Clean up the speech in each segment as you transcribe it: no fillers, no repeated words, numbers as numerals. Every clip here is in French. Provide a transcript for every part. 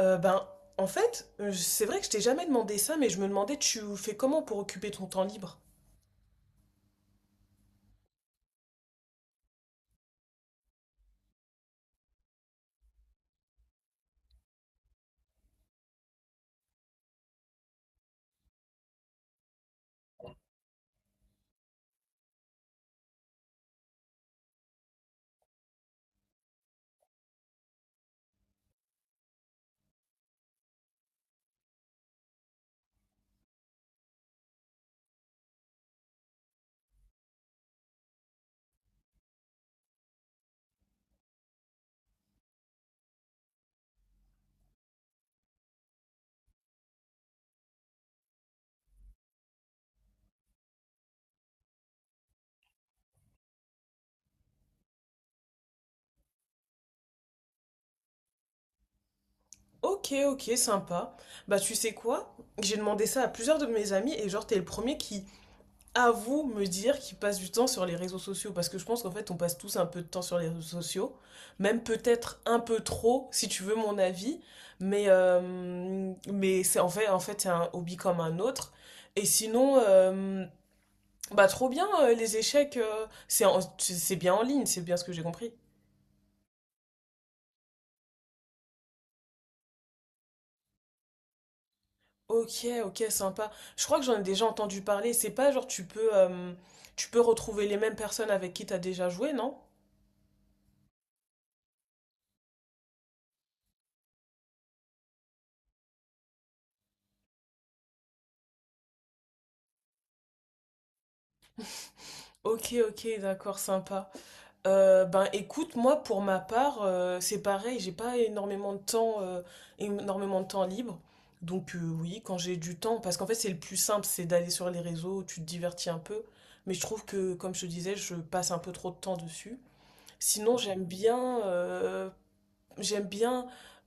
Euh, ben, en fait, c'est vrai que je t'ai jamais demandé ça, mais je me demandais tu fais comment pour occuper ton temps libre? Ok, ok, sympa. Bah tu sais quoi? J'ai demandé ça à plusieurs de mes amis et genre t'es le premier qui avoue me dire qu'il passe du temps sur les réseaux sociaux parce que je pense qu'en fait on passe tous un peu de temps sur les réseaux sociaux, même peut-être un peu trop si tu veux mon avis, mais c'est en fait c'est un hobby comme un autre. Et sinon, bah trop bien, les échecs, c'est bien en ligne, c'est bien ce que j'ai compris. Ok, ok, sympa. Je crois que j'en ai déjà entendu parler. C'est pas genre tu peux retrouver les mêmes personnes avec qui t'as déjà joué, non? Ok, ok, d'accord, sympa. Ben écoute, moi pour ma part, c'est pareil, j'ai pas énormément de temps, énormément de temps libre. Donc oui, quand j'ai du temps, parce qu'en fait c'est le plus simple, c'est d'aller sur les réseaux, tu te divertis un peu. Mais je trouve que, comme je te disais, je passe un peu trop de temps dessus. Sinon, j'aime bien, j'aime bien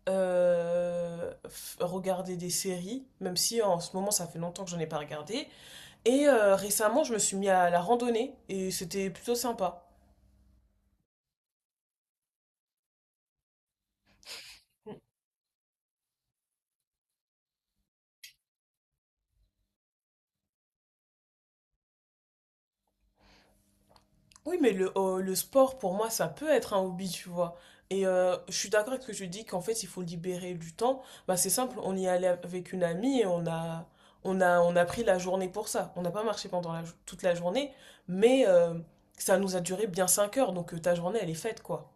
regarder des séries, même si en ce moment ça fait longtemps que j'en ai pas regardé. Et récemment, je me suis mis à la randonnée et c'était plutôt sympa. Oui, mais le sport, pour moi, ça peut être un hobby, tu vois. Et je suis d'accord avec ce que tu dis, qu'en fait, il faut libérer du temps. Bah, c'est simple, on y allait avec une amie et on a pris la journée pour ça. On n'a pas marché pendant toute la journée, mais euh, ça nous a duré bien 5 heures, donc ta journée, elle est faite, quoi.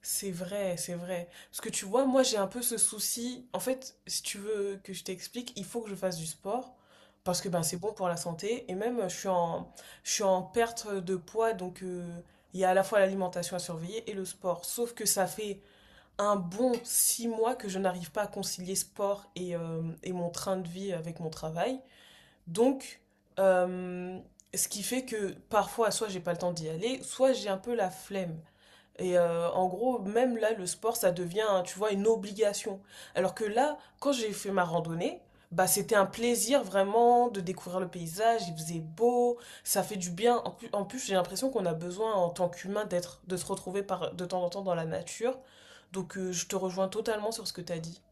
C'est vrai, c'est vrai. Parce que tu vois, moi j'ai un peu ce souci. En fait, si tu veux que je t'explique, il faut que je fasse du sport parce que ben c'est bon pour la santé et même je suis en perte de poids donc il y a à la fois l'alimentation à surveiller et le sport. Sauf que ça fait un bon 6 mois que je n'arrive pas à concilier sport et mon train de vie avec mon travail. Donc euh, ce qui fait que parfois soit j'ai pas le temps d'y aller, soit j'ai un peu la flemme. Et en gros, même là, le sport, ça devient, tu vois, une obligation. Alors que là, quand j'ai fait ma randonnée, bah, c'était un plaisir vraiment de découvrir le paysage, il faisait beau, ça fait du bien. En plus, j'ai l'impression qu'on a besoin en tant qu'humain d'être, de se retrouver par, de temps en temps dans la nature. Donc, je te rejoins totalement sur ce que tu as dit.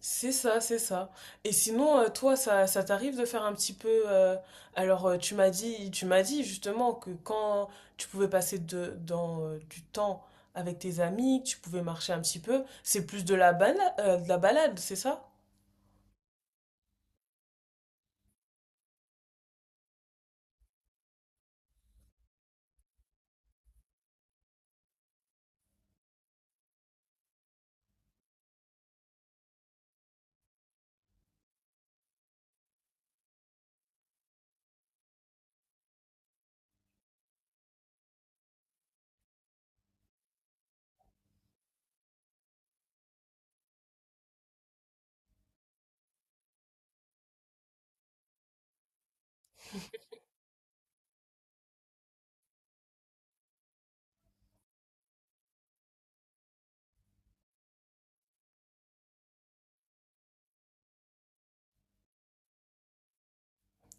C'est ça, c'est ça. Et sinon, toi, ça t'arrive de faire un petit peu. Alors, tu m'as dit justement que quand tu pouvais passer du temps avec tes amis, que tu pouvais marcher un petit peu, c'est plus de de la balade, c'est ça?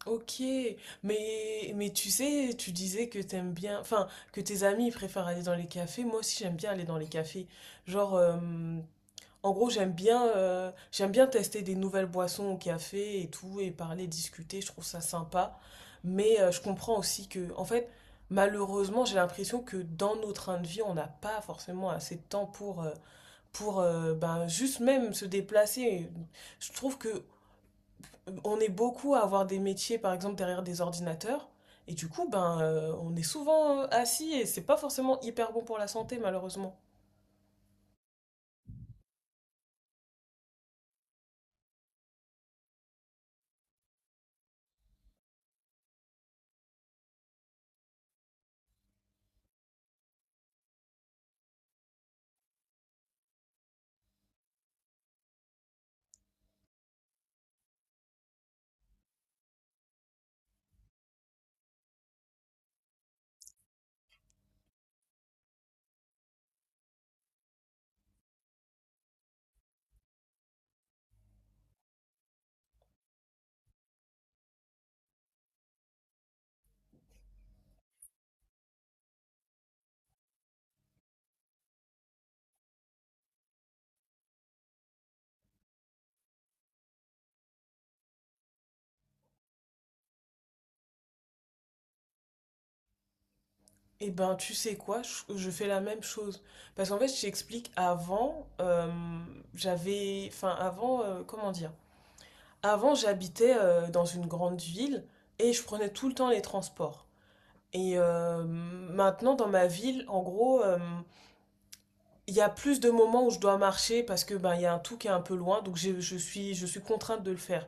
Ok. Mais tu sais, tu disais que t'aimes bien, enfin, que tes amis préfèrent aller dans les cafés. Moi aussi, j'aime bien aller dans les cafés. Genre, en gros, j'aime bien tester des nouvelles boissons au café et tout, et parler, discuter, je trouve ça sympa. Mais je comprends aussi que, en fait, malheureusement, j'ai l'impression que dans nos trains de vie, on n'a pas forcément assez de temps pour, pour ben, juste même se déplacer. Je trouve que on est beaucoup à avoir des métiers, par exemple, derrière des ordinateurs. Et du coup, ben, on est souvent assis et c'est pas forcément hyper bon pour la santé, malheureusement. Eh ben, tu sais quoi, je fais la même chose. Parce qu'en fait, je t'explique, avant, j'avais... Enfin, avant, comment dire? Avant, j'habitais dans une grande ville et je prenais tout le temps les transports. Et maintenant, dans ma ville, en gros, il y a plus de moments où je dois marcher parce que ben, il y a un tout qui est un peu loin, donc je suis contrainte de le faire.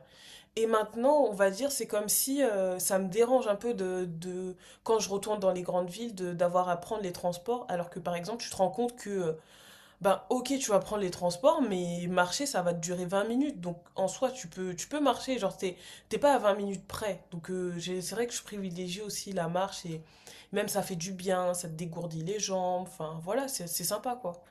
Et maintenant, on va dire, c'est comme si ça me dérange un peu quand je retourne dans les grandes villes, d'avoir à prendre les transports, alors que par exemple, tu te rends compte que, ben ok, tu vas prendre les transports, mais marcher, ça va te durer 20 minutes. Donc en soi, tu peux marcher, genre t'es, t'es pas à 20 minutes près. Donc c'est vrai que je privilégie aussi la marche et même ça fait du bien, ça te dégourdit les jambes, enfin voilà, c'est sympa quoi.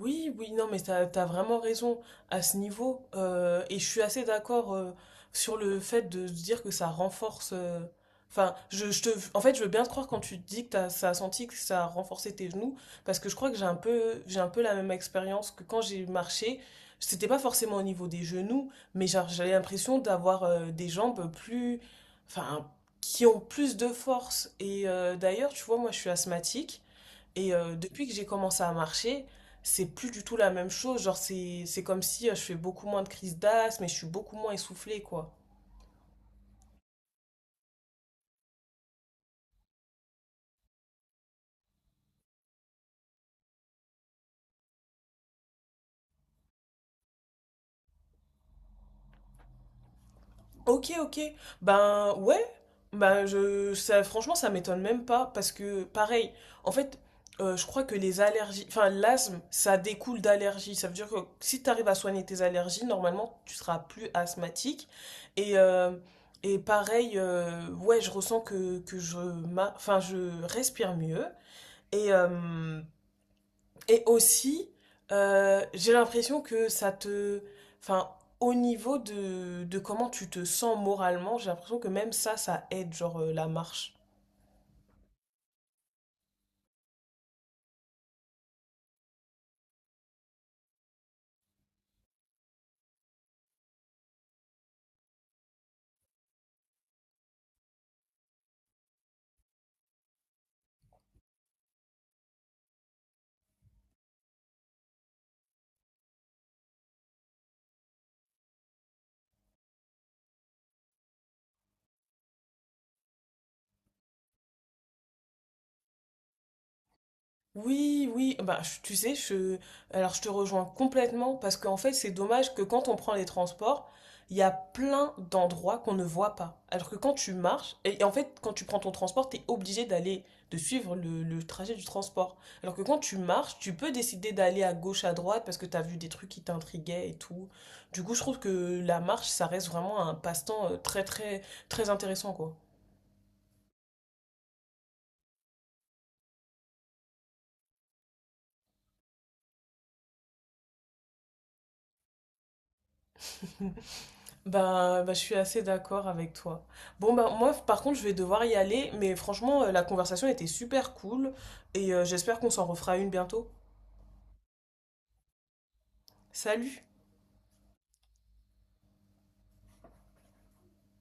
Oui, oui, non, mais t'as, t'as vraiment raison à ce niveau. Et je suis assez d'accord sur le fait de se dire que ça renforce. Enfin, en fait, je veux bien te croire quand tu te dis que t'as, ça a senti que ça a renforcé tes genoux, parce que je crois que j'ai un peu la même expérience que quand j'ai marché. C'était pas forcément au niveau des genoux, mais genre, j'avais l'impression d'avoir des jambes plus, enfin, qui ont plus de force. Et d'ailleurs, tu vois, moi, je suis asthmatique. Et depuis que j'ai commencé à marcher, c'est plus du tout la même chose. Genre, c'est comme si je fais beaucoup moins de crises d'asthme et je suis beaucoup moins essoufflée, quoi. Ok, ok. Ben ouais. Ben je, ça, franchement, ça m'étonne même pas parce que, pareil, en fait, je crois que les allergies, enfin, l'asthme, ça découle d'allergies. Ça veut dire que si tu arrives à soigner tes allergies, normalement, tu seras plus asthmatique. Et, euh, et pareil, ouais, je ressens que, enfin, je respire mieux. Et, euh, et aussi, j'ai l'impression que ça te... Enfin, au niveau de comment tu te sens moralement, j'ai l'impression que même ça, ça aide, genre la marche. Oui, oui, bah, tu sais, je, alors je te rejoins complètement parce qu'en fait, c'est dommage que quand on prend les transports, il y a plein d'endroits qu'on ne voit pas. Alors que quand tu marches, et en fait, quand tu prends ton transport, tu es obligé d'aller, de suivre le trajet du transport. Alors que quand tu marches, tu peux décider d'aller à gauche, à droite parce que tu as vu des trucs qui t'intriguaient et tout. Du coup, je trouve que la marche, ça reste vraiment un passe-temps très, très, très intéressant, quoi. Bah, bah, je suis assez d'accord avec toi. Bon, bah, moi, par contre, je vais devoir y aller, mais franchement, la conversation était super cool et j'espère qu'on s'en refera une bientôt. Salut!